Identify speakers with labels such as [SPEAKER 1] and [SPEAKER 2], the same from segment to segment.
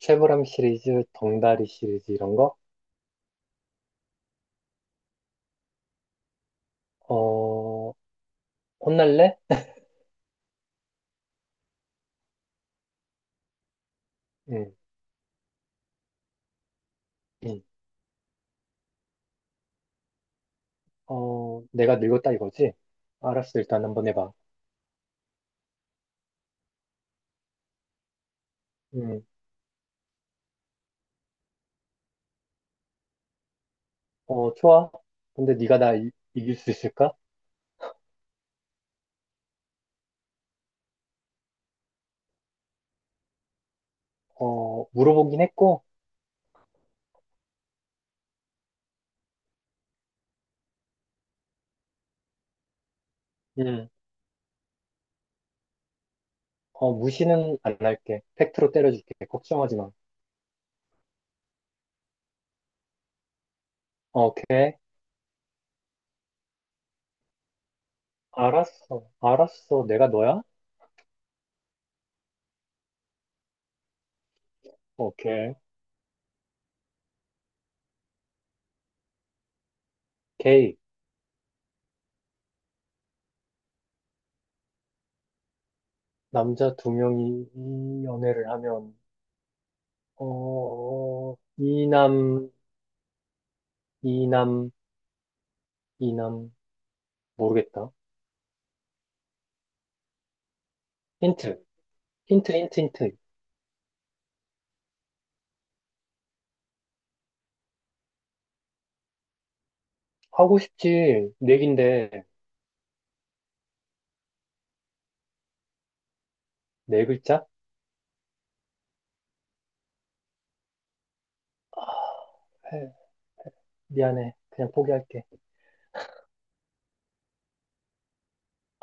[SPEAKER 1] 쉐보람 시리즈, 덩다리 시리즈 이런 거? 어, 혼날래? 응, 응. 어, 내가 늙었다 이거지? 알았어, 일단 한번 해봐. 응, 어, 좋아. 근데 네가 나 이길 수 있을까? 어, 물어보긴 했고, 응, 어, 무시는 안 할게. 팩트로 때려줄게. 걱정하지 마. 오케이. 알았어, 알았어. 내가 너야? 오케이. 게이. 남자 두 명이 이 연애를 하면, 어, 이 남, 이남, 이 남 모르겠다. 힌트, 힌트, 힌트, 힌트. 하고 싶지 네 개인데 네 글자? 아, 해. 미안해. 그냥 포기할게.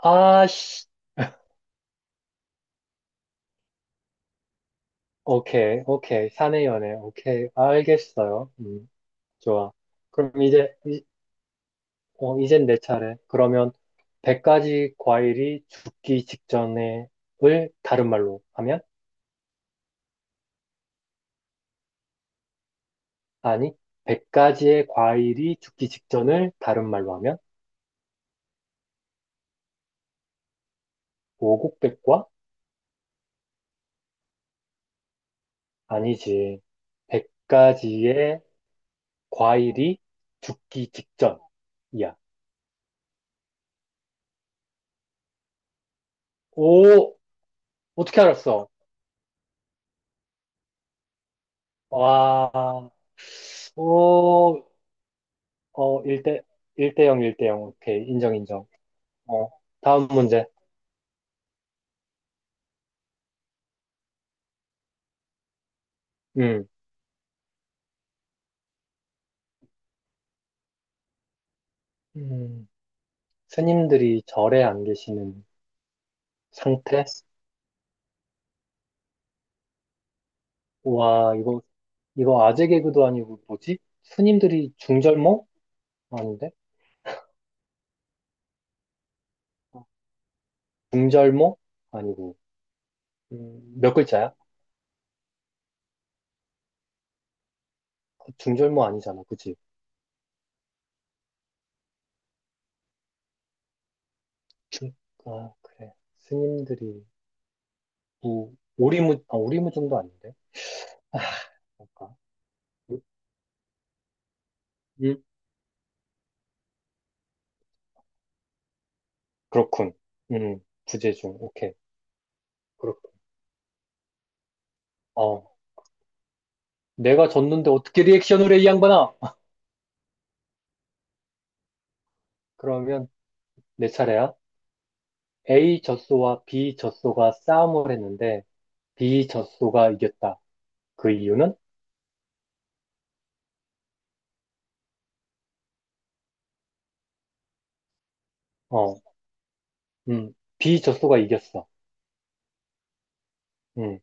[SPEAKER 1] 아씨. 오케이, 오케이. 사내 연애. 오케이. 알겠어요. 좋아. 그럼 이젠 내 차례. 그러면 100가지 과일이 죽기 직전에를 다른 말로 하면? 아니, 100가지의 과일이 죽기 직전을 다른 말로 하면? 오곡백과 아니지. 100가지의 과일이 죽기 직전이야. 오, 어떻게 알았어? 와, 오, 1대, 일대 0, 1대 0. 오케이, 인정, 인정. 어, 다음 문제. 음, 음, 스님들이 절에 안 계시는 상태? 와, 이거 아재 개그도 아니고 뭐지? 스님들이 중절모? 아닌데? 중절모? 아니고. 몇 글자야? 중절모 아니잖아, 그치? 중, 그래. 스님들이, 뭐, 오리무중도 아닌데? 뭔가. 음 음. 그렇군. 음, 부재중. 오케이. 그렇군. 어, 내가 졌는데 어떻게 리액션을 해, 이 양반아? 그러면 내 차례야. A 젖소와 B 젖소가 싸움을 했는데, B 젖소가 이겼다. 그 이유는? 어, 음, B 젖소가 이겼어. 음,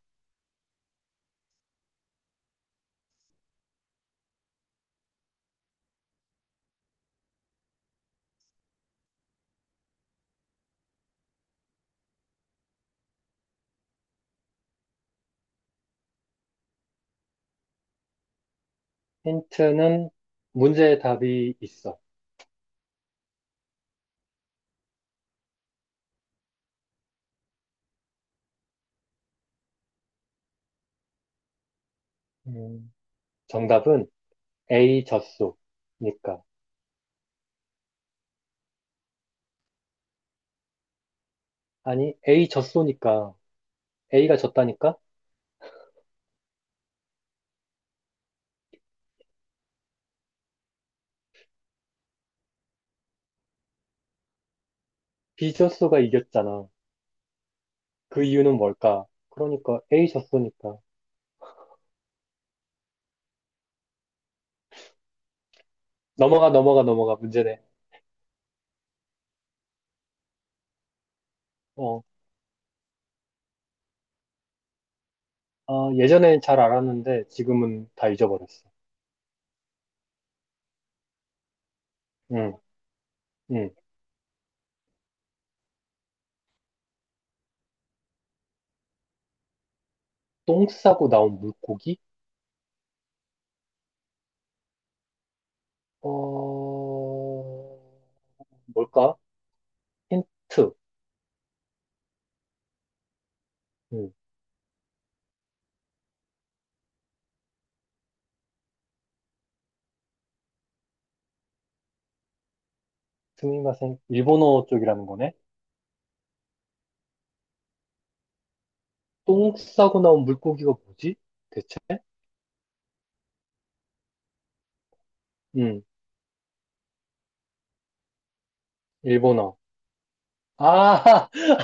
[SPEAKER 1] 힌트는 문제의 답이 있어. 음, 정답은 A 젖소니까. 아니, A 졌소니까, A가 졌다니까? B 졌소가 이겼잖아. 그 이유는 뭘까? 그러니까 A 졌소니까. 넘어가, 넘어가, 넘어가. 문제네. 어, 예전엔 잘 알았는데 지금은 다 잊어버렸어. 응, 응. 똥 싸고 나온 물고기? 어, 뭘까? 힌트. 응. 스미마셍. 일본어 쪽이라는 거네. 똥 싸고 나온 물고기가 뭐지? 대체? 응, 일본어. 아,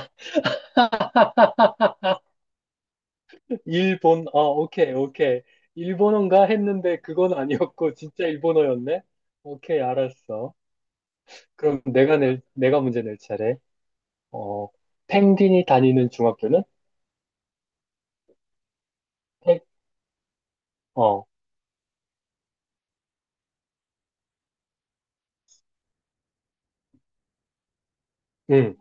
[SPEAKER 1] 오케이, 오케이. 일본어인가 했는데 그건 아니었고, 진짜 일본어였네? 오케이, 알았어. 그럼 내가 문제 낼 차례. 어, 펭귄이 다니는 중학교는? 펭- 어, 응,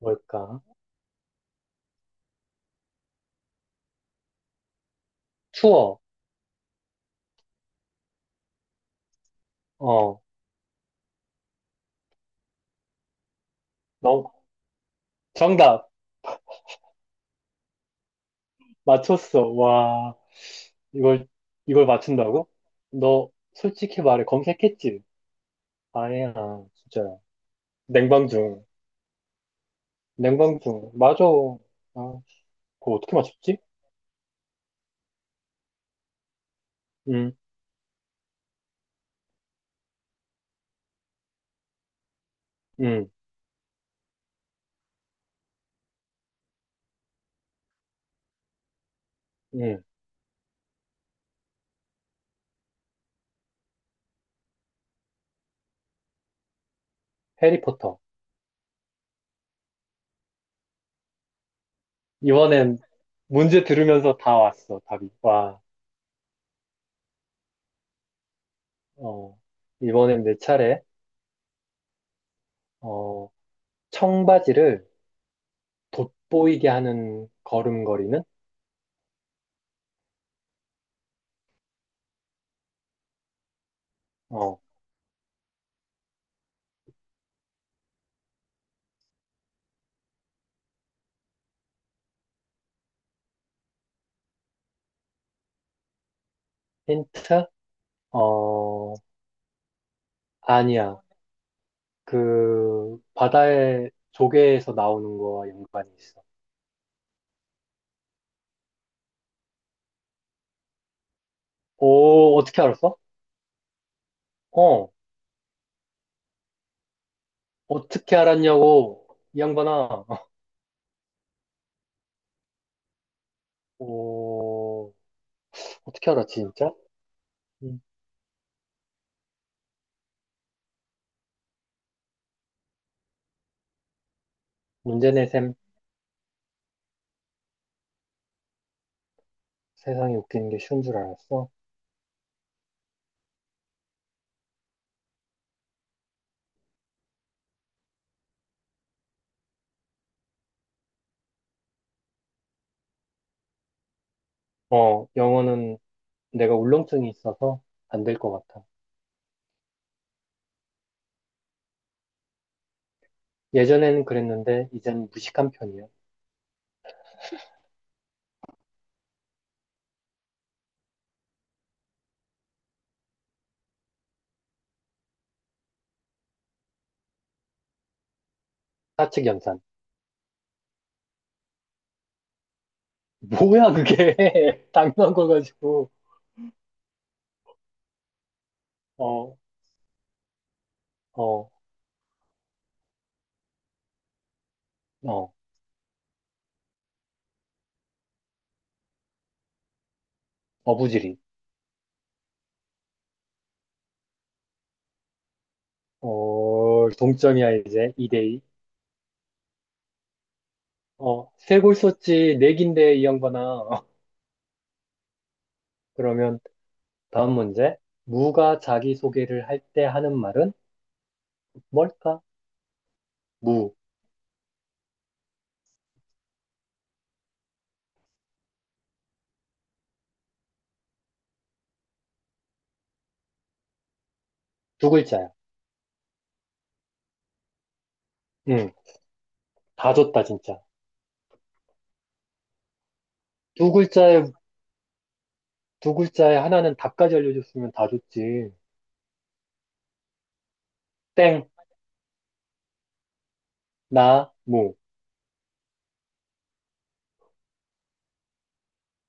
[SPEAKER 1] 뭘까? 투어, 어, 너, 정답, 맞췄어. 와, 이걸, 이걸 맞춘다고? 너 솔직히 말해, 검색했지? 아니야, 진짜. 냉방중, 냉방중. 맞아. 아, 그거 어떻게 맞췄지? 응. 응. 응, 해리포터. 이번엔 문제 들으면서 다 왔어, 답이. 와, 어, 이번엔 내 차례. 어, 청바지를 돋보이게 하는 걸음걸이는? 어, 힌트? 어, 아니야. 바다의 조개에서 나오는 거와 연관이 있어. 오, 어떻게 알았어? 어, 어떻게 알았냐고, 이 양반아. 오, 어떻게 알았지, 진짜? 음, 문제 내셈. 세상에 웃기는 게 쉬운 줄 알았어. 영어는 내가 울렁증이 있어서 안 될 것 같아. 예전에는 그랬는데, 이젠 무식한 편이야. 사측 연산. 뭐야, 그게. 당연한 거 가지고. 어, 어, 어, 어부지리. 동점이야, 이제. 2대2. 세골 썼지, 내긴데, 이 양반아. 그러면, 다음 문제. 무가 자기소개를 할 때 하는 말은 뭘까? 무. 두 글자야. 응, 다 줬다, 진짜. 두 글자에 두 글자에 하나는 답까지 알려줬으면 다 좋지. 땡, 나, 무,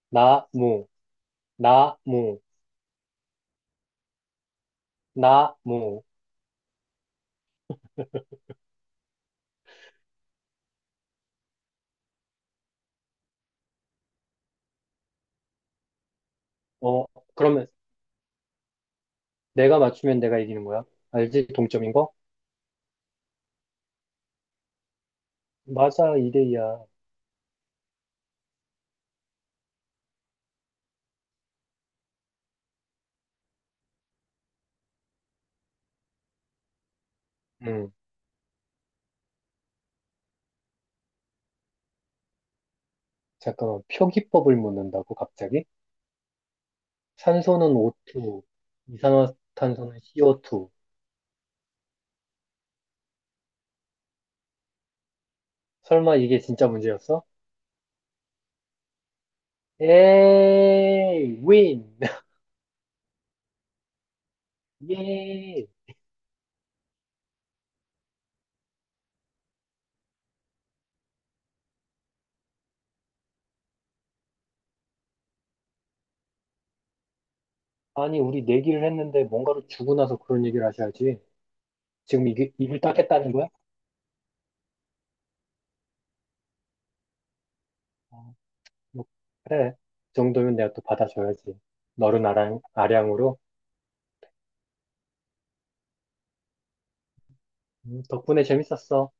[SPEAKER 1] 나, 무, 나, 무, 나, 무. 어, 그러면 내가 맞추면 내가 이기는 거야? 알지? 동점인 거? 맞아, 2대 2야. 음, 잠깐만. 표기법을 묻는다고, 갑자기? 산소는 O2, 이산화탄소는 CO2. 설마 이게 진짜 문제였어? 에이, 윈! 예! 아니, 우리 내기를 했는데 뭔가로 주고 나서 그런 얘기를 하셔야지. 지금 이게, 이걸 따겠다는 거야? 아, 뭐, 그래. 그 정도면 내가 또 받아줘야지. 너른 아량, 아량으로. 덕분에 재밌었어.